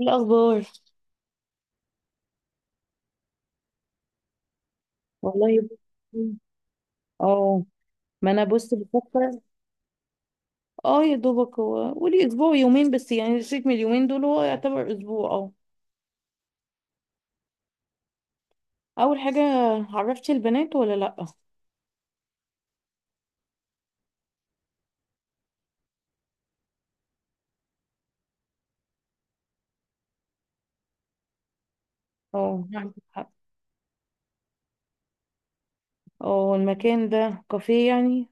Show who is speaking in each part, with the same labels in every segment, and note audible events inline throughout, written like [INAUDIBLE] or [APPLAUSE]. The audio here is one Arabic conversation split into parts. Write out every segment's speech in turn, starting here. Speaker 1: إيه الاخبار؟ والله ب- اه، ما انا بص بفكر. اه، يا دوبك هو قولي اسبوع يومين بس، يعني الشيك من اليومين دول هو يعتبر اسبوع. اه، اول حاجه، عرفتي البنات ولا لا؟ اه، نعم. اه، المكان ده كافيه يعني؟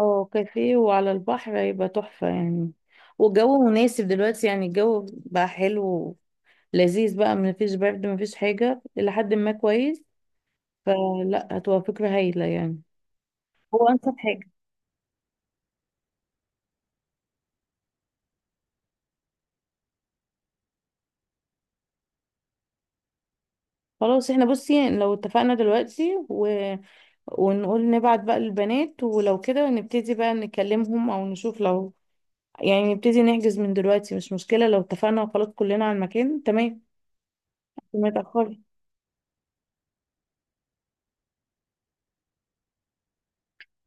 Speaker 1: اه، كافيه وعلى البحر هيبقى تحفه يعني، والجو مناسب دلوقتي، يعني الجو بقى حلو، لذيذ بقى، مفيش برد مفيش حاجه لحد ما كويس، فلا هتبقى فكره هايله يعني، هو انسب حاجه. خلاص احنا بصي، يعني لو اتفقنا دلوقتي ونقول نبعت بقى للبنات ولو كده نبتدي بقى نكلمهم او نشوف لو، يعني نبتدي نحجز من دلوقتي مش مشكلة، لو اتفقنا وخلاص كلنا على المكان تمام وما تأخري.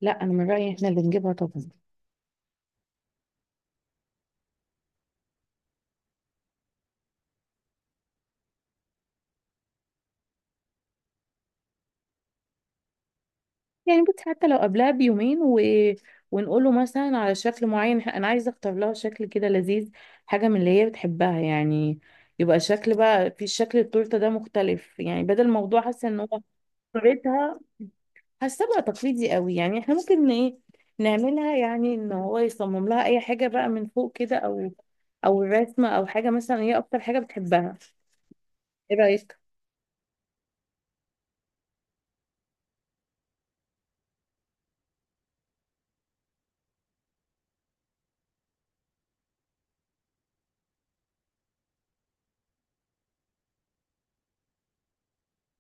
Speaker 1: لا، انا من رأيي احنا اللي نجيبها طبعا. يعني بصي حتى لو قبلها بيومين ونقوله مثلا على شكل معين، انا عايزة اختار لها شكل كده لذيذ، حاجة من اللي هي بتحبها يعني، يبقى شكل بقى، في شكل التورته ده مختلف يعني، بدل الموضوع حاسه ان هو طريقتها، حاسه بقى تقليدي قوي، يعني احنا ممكن ايه، نعملها يعني ان هو يصمم لها اي حاجه بقى من فوق كده او او الرسمه او حاجه مثلا هي اكتر حاجه بتحبها. ايه رايك؟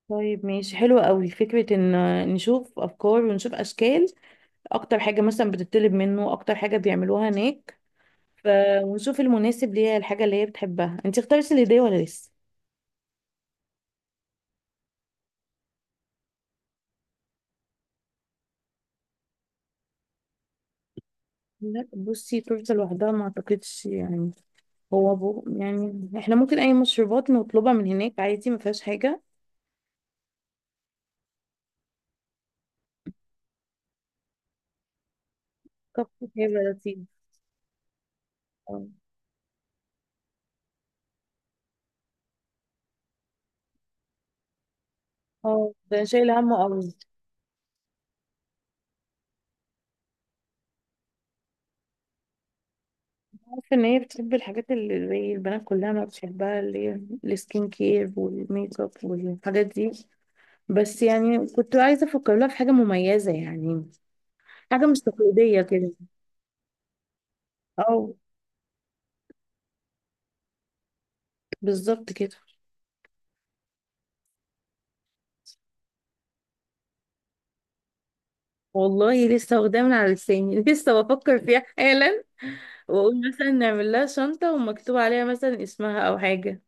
Speaker 1: طيب ماشي، حلوة قوي فكرة ان نشوف افكار ونشوف اشكال، اكتر حاجة مثلا بتطلب منه، اكتر حاجة بيعملوها هناك ف... ونشوف المناسب ليها، الحاجة اللي هي بتحبها. انت اختارتي الهدية ولا لسه؟ لا بصي، تورته لوحدها ما اعتقدش يعني، هو يعني احنا ممكن اي مشروبات نطلبها من هناك عادي، ما فيهاش حاجة. طب هيبقى لطيف. اه. اه، ده شايل همه قوي. عارفة ان هي بتحب الحاجات اللي زي البنات كلها ما بتحبها، اللي هي السكين كير والميك اب والحاجات دي، بس يعني كنت عايزة افكر لها في حاجة مميزة يعني، حاجة مش تقليدية كده. اه، بالظبط كده. والله لسه واخداه من على لساني [LAUGHS] لسه بفكر فيها حالا، واقول مثلا نعمل لها شنطة ومكتوب عليها مثلا اسمها او حاجة.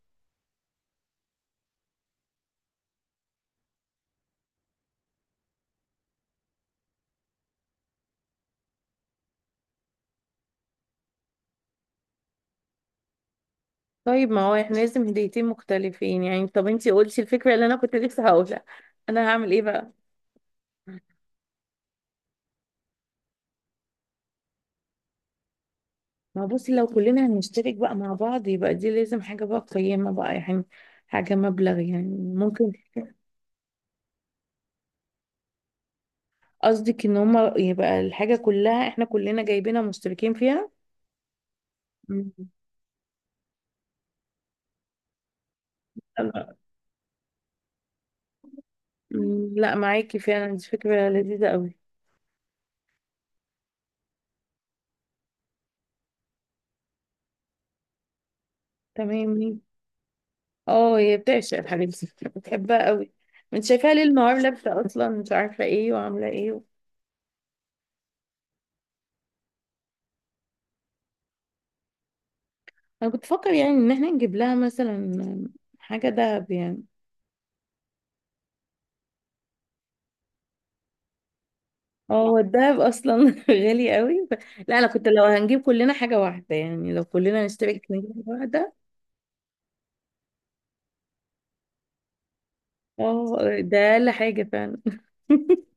Speaker 1: طيب ما هو احنا لازم هديتين مختلفين يعني، طب انتي قلتي الفكرة اللي انا كنت لسه هقولها، انا هعمل ايه بقى؟ ما بصي، لو كلنا هنشترك بقى مع بعض يبقى دي لازم حاجة بقى قيمة بقى يعني، حاجة مبلغ يعني ممكن. قصدك ان هما يبقى الحاجة كلها احنا كلنا جايبينها مشتركين فيها. مم. لا، معاكي فعلا، دي فكرة لذيذة قوي. تمام. اه، هي بتعشق حبيبتي، بتحبها قوي، انت شايفاها ليل نهار لابسة، اصلا مش عارفة ايه وعاملة ايه. انا كنت بفكر يعني ان احنا نجيب لها مثلا حاجه دهب يعني. اه [LAUGHS] هو الدهب اصلا [LAUGHS] غالي قوي لا انا كنت لو هنجيب كلنا حاجه واحده، يعني لو كلنا نشترك نجيب حاجه واحده. اه، ده اقل حاجه فعلا. [LAUGHS]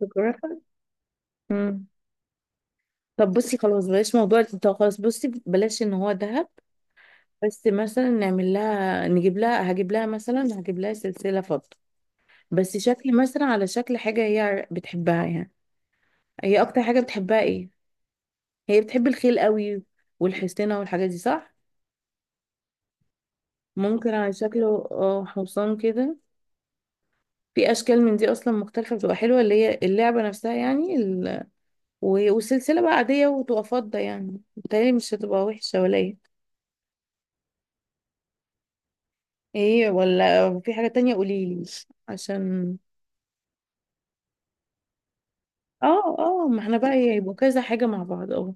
Speaker 1: فكرة. مم. طب بصي خلاص، بلاش موضوع التلتة، خلاص بصي بلاش ان هو دهب، بس مثلا نعمل لها نجيب لها هجيب لها مثلا، هجيب لها سلسله فضه، بس شكل مثلا على شكل حاجه هي بتحبها يعني. هي اكتر حاجه بتحبها ايه؟ هي بتحب الخيل قوي والحصينة والحاجات دي صح؟ ممكن على شكله اه، حصان كده. في اشكال من دي اصلا مختلفة، بتبقى حلوة، اللي هي اللعبة نفسها يعني والسلسلة بقى عادية وتبقى فضة، يعني بتهيألي مش هتبقى وحشة ولا ايه. ايه، ولا في حاجة تانية قوليلي عشان. اه. اه، ما احنا بقى هيبقوا كذا حاجة مع بعض اه.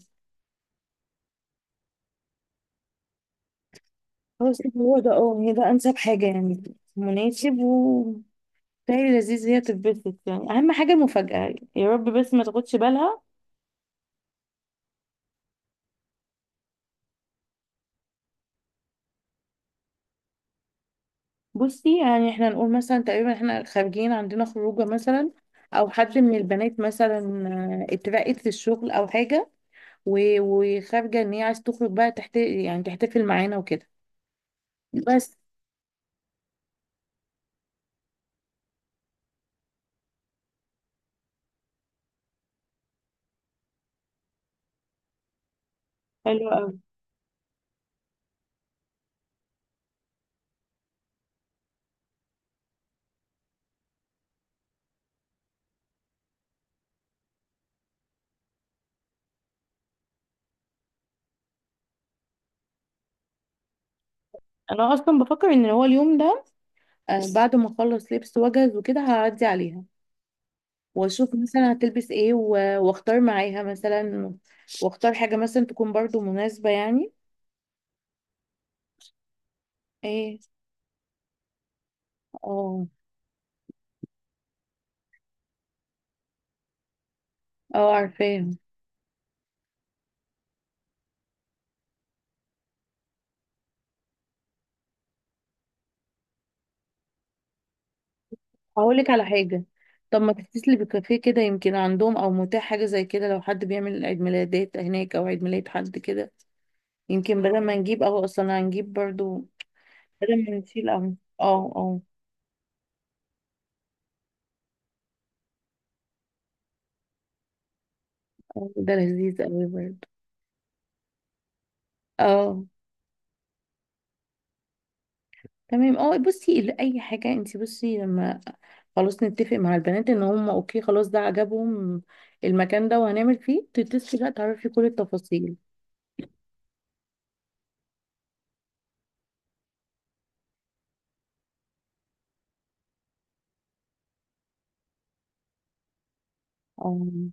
Speaker 1: خلاص هو ده، اه هي ده انسب حاجة يعني، مناسب و بتهيألي لذيذ هي تتبسط، يعني اهم حاجة المفاجأة يا رب بس ما تاخدش بالها. بصي يعني احنا نقول مثلا تقريبا احنا خارجين، عندنا خروجه مثلا، او حد من البنات مثلا اترقت في الشغل او حاجه وخارجه، ان هي عايز تخرج بقى تحت، يعني تحتفل معانا وكده بس. حلو قوي. انا اصلا بفكر ان هو اليوم ده، بعد ما اخلص لبس واجهز وكده هعدي عليها، واشوف مثلا هتلبس ايه واختار معاها مثلا، واختار حاجه مثلا تكون برضو مناسبه يعني. ايه؟ اه. اه، عارفاه. هقولك على حاجة، طب ما تتصلي بكافيه كده، يمكن عندهم او متاح حاجة زي كده، لو حد بيعمل عيد ميلادات هناك او عيد ميلاد حد كده، يمكن بدل ما نجيب قهوة اصلا هنجيب برضو، بدل ما نشيل قهوة. اه اه. ده لذيذ اوي برضو. اه. تمام. اه بصي، اي حاجة، انتي بصي لما خلاص نتفق مع البنات ان هم اوكي خلاص ده عجبهم، المكان ده وهنعمل فيه، تتصلي بقى تعرفي كل التفاصيل. اه.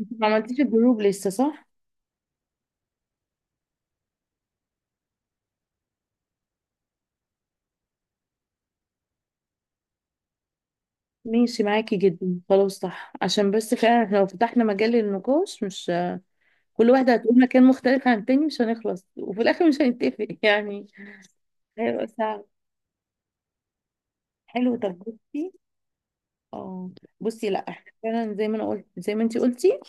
Speaker 1: انتي ما عملتيش الجروب لسه صح؟ ماشي معاكي جدا، خلاص صح، عشان بس فعلا احنا لو فتحنا مجال للنقاش مش كل واحدة هتقول مكان مختلف عن التاني، مش هنخلص وفي الآخر مش هنتفق [LAUGHS] يعني، هيبقى صعب. حلو طب بصي. اه. بصي لا احنا فعلا زي ما انا قلت زي ما انتي قلتي،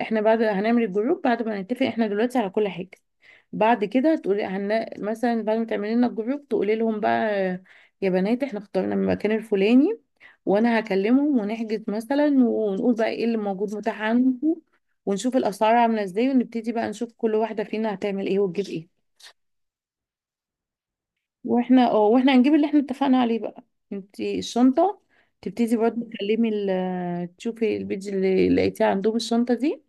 Speaker 1: احنا بعد هنعمل الجروب بعد ما نتفق احنا دلوقتي على كل حاجة، بعد كده تقولي مثلا بعد ما تعملي لنا الجروب تقولي لهم بقى، يا بنات احنا اخترنا المكان الفلاني، وانا هكلمهم ونحجز مثلا ونقول بقى ايه اللي موجود متاح عنده، ونشوف الاسعار عامله ازاي، ونبتدي بقى نشوف كل واحده فينا هتعمل ايه وتجيب ايه. واحنا هنجيب اللي احنا اتفقنا عليه بقى، انت الشنطه تبتدي برضه تكلمي تشوفي البيج اللي لقيتيه عندهم الشنطه دي،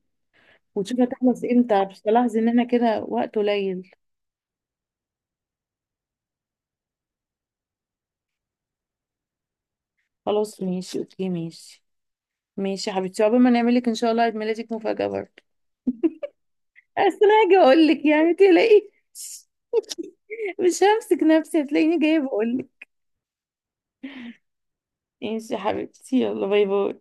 Speaker 1: وتشوفي هتخلص امتى، مش تلاحظي ان احنا كده وقت قليل. خلاص ماشي اوكي ماشي. ماشي يا حبيبتي، عقبال ما نعمل لك ان شاء الله عيد ميلادك مفاجاه برضه. اصل أنا هاجي اقول لك يعني تلاقي [LAUGHS] مش همسك نفسي هتلاقيني جايه بقول لك. ماشي يا حبيبتي، يلا باي باي.